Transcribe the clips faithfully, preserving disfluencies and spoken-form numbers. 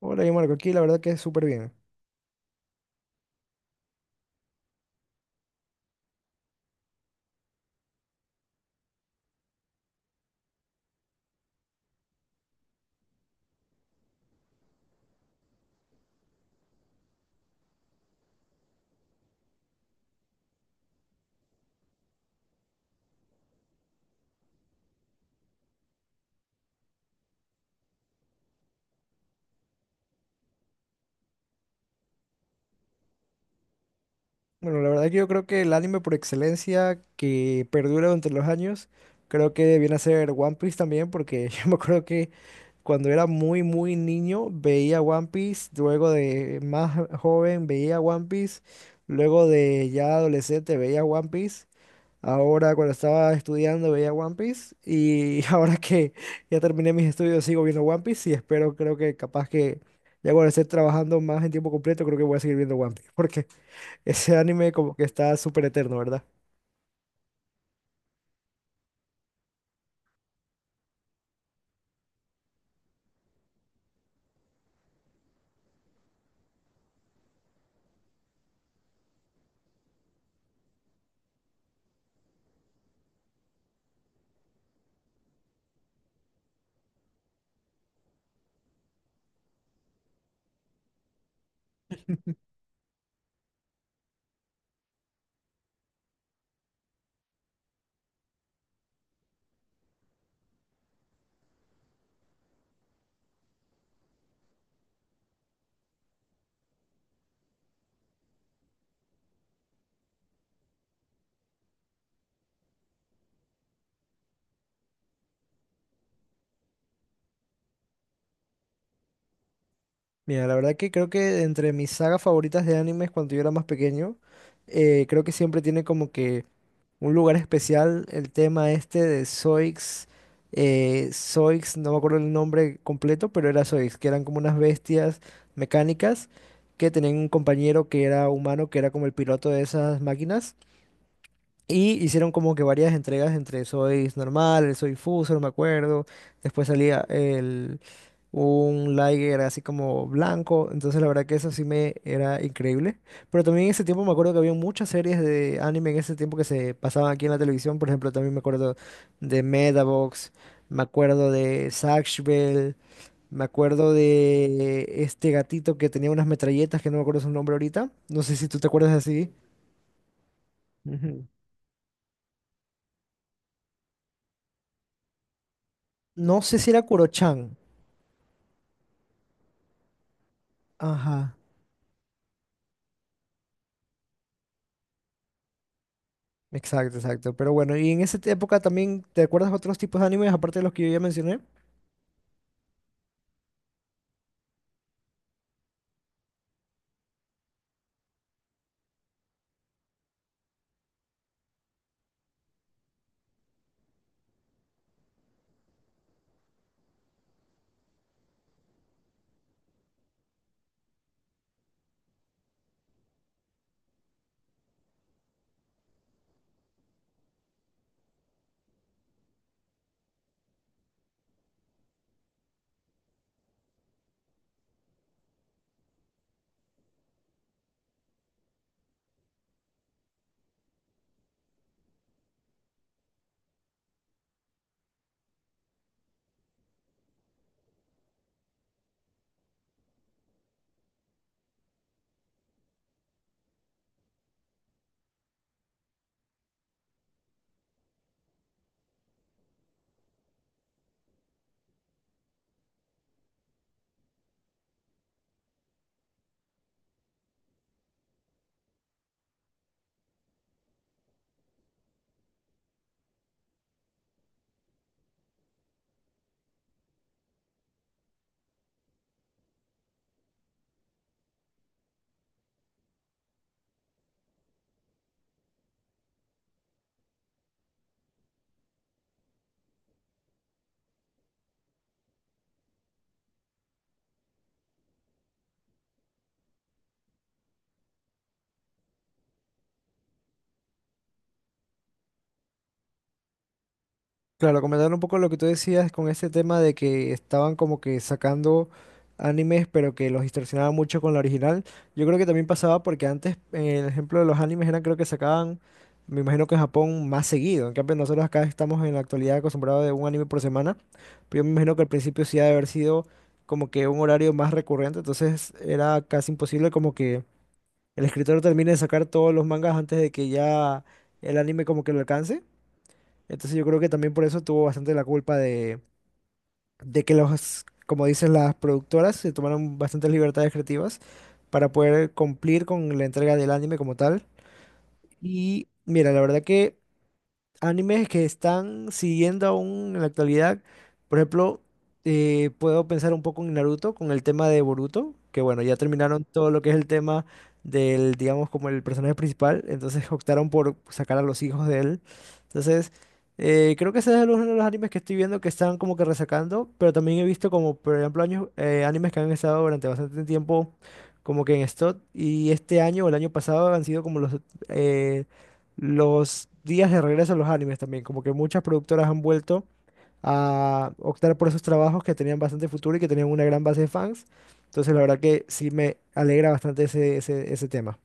Hola, yo Marco, aquí la verdad que es súper bien. Bueno, la verdad que yo creo que el anime por excelencia que perdura durante los años, creo que viene a ser One Piece también, porque yo me acuerdo que cuando era muy, muy niño veía One Piece, luego de más joven veía One Piece, luego de ya adolescente veía One Piece. Ahora, cuando estaba estudiando, veía One Piece y ahora que ya terminé mis estudios, sigo viendo One Piece y espero, creo que capaz que ya cuando esté trabajando más en tiempo completo, creo que voy a seguir viendo One Piece porque ese anime como que está súper eterno, ¿verdad? Mira, la verdad que creo que entre mis sagas favoritas de animes cuando yo era más pequeño, eh, creo que siempre tiene como que un lugar especial el tema este de Zoix. eh, Zoix, no me acuerdo el nombre completo, pero era Zoix, que eran como unas bestias mecánicas que tenían un compañero que era humano, que era como el piloto de esas máquinas. Y hicieron como que varias entregas entre Soy normal, el Soy Fuso, no me acuerdo. Después salía el, un Liger así como blanco. Entonces la verdad que eso sí me era increíble. Pero también en ese tiempo me acuerdo que había muchas series de anime en ese tiempo que se pasaban aquí en la televisión. Por ejemplo, también me acuerdo de Medabox, me acuerdo de Zatch Bell, me acuerdo de este gatito que tenía unas metralletas que no me acuerdo su nombre ahorita. No sé si tú te acuerdas así. Ujú. No sé si era Kurochan. Ajá, exacto, exacto. Pero bueno, y en esa te- época también, ¿te acuerdas otros tipos de animes aparte de los que yo ya mencioné? Claro, comentar un poco lo que tú decías con ese tema de que estaban como que sacando animes, pero que los distorsionaban mucho con la original. Yo creo que también pasaba porque antes, eh, el ejemplo de los animes era creo que sacaban, me imagino que en Japón más seguido. En cambio, nosotros acá estamos en la actualidad acostumbrados de un anime por semana, pero yo me imagino que al principio sí ha de haber sido como que un horario más recurrente, entonces era casi imposible como que el escritor termine de sacar todos los mangas antes de que ya el anime como que lo alcance. Entonces yo creo que también por eso tuvo bastante la culpa de, de que los, como dicen las productoras, se tomaron bastantes libertades creativas para poder cumplir con la entrega del anime como tal. Y mira, la verdad que animes que están siguiendo aún en la actualidad. Por ejemplo, eh, puedo pensar un poco en Naruto con el tema de Boruto, que bueno, ya terminaron todo lo que es el tema del, digamos, como el personaje principal, entonces optaron por sacar a los hijos de él. Entonces, eh, creo que ese es uno de los animes que estoy viendo que están como que resacando, pero también he visto como, por ejemplo, años, eh, animes que han estado durante bastante tiempo como que en stock y este año o el año pasado han sido como los eh, los días de regreso a los animes también, como que muchas productoras han vuelto a optar por esos trabajos que tenían bastante futuro y que tenían una gran base de fans. Entonces, la verdad que sí me alegra bastante ese, ese, ese tema.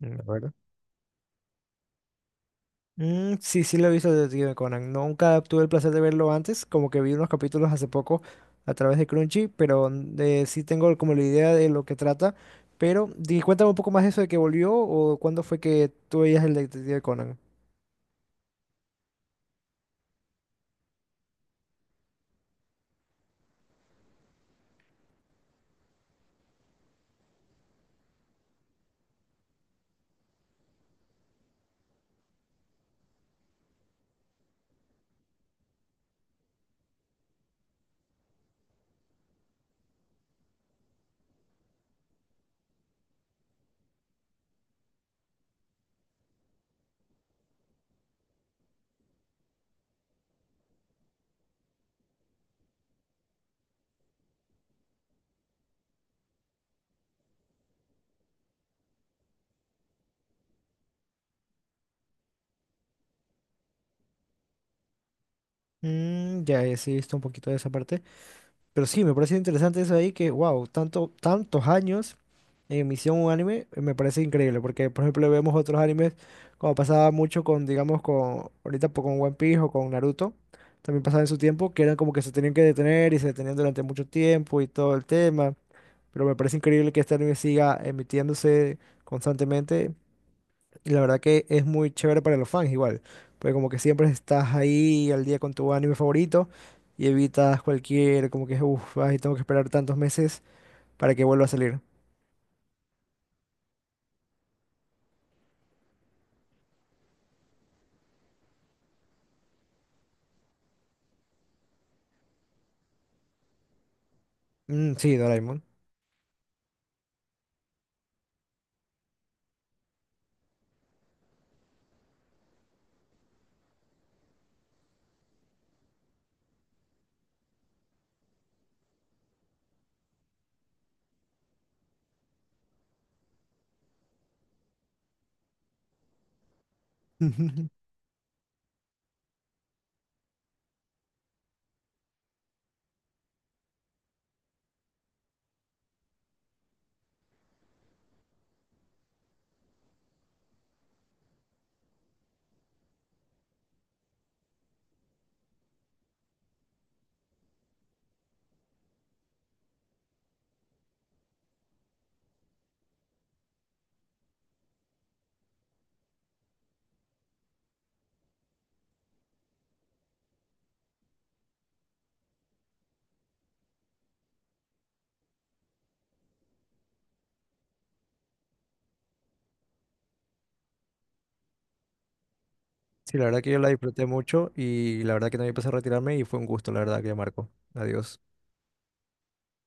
Mm, ¿verdad? Mm, sí, sí lo he visto Detective Conan. Nunca tuve el placer de verlo antes, como que vi unos capítulos hace poco a través de Crunchy, pero mm, eh, sí tengo como la idea de lo que trata. Pero di, cuéntame un poco más eso de que volvió o cuándo fue que tú veías el Detective Conan. Mm, ya, ya sí he visto un poquito de esa parte. Pero sí, me parece interesante eso ahí que, wow, tanto, tantos años en emisión un anime, eh, me parece increíble. Porque, por ejemplo, vemos otros animes, como pasaba mucho con, digamos, con, ahorita po- con One Piece o con Naruto, también pasaba en su tiempo, que eran como que se tenían que detener y se detenían durante mucho tiempo y todo el tema. Pero me parece increíble que este anime siga emitiéndose constantemente y la verdad que es muy chévere para los fans igual, porque como que siempre estás ahí al día con tu anime favorito y evitas cualquier, como que, uff, ay, tengo que esperar tantos meses para que vuelva a salir. Mm, sí, Doraemon. Sí, la verdad que yo la disfruté mucho y la verdad que también empecé a retirarme y fue un gusto, la verdad que Marco. Adiós.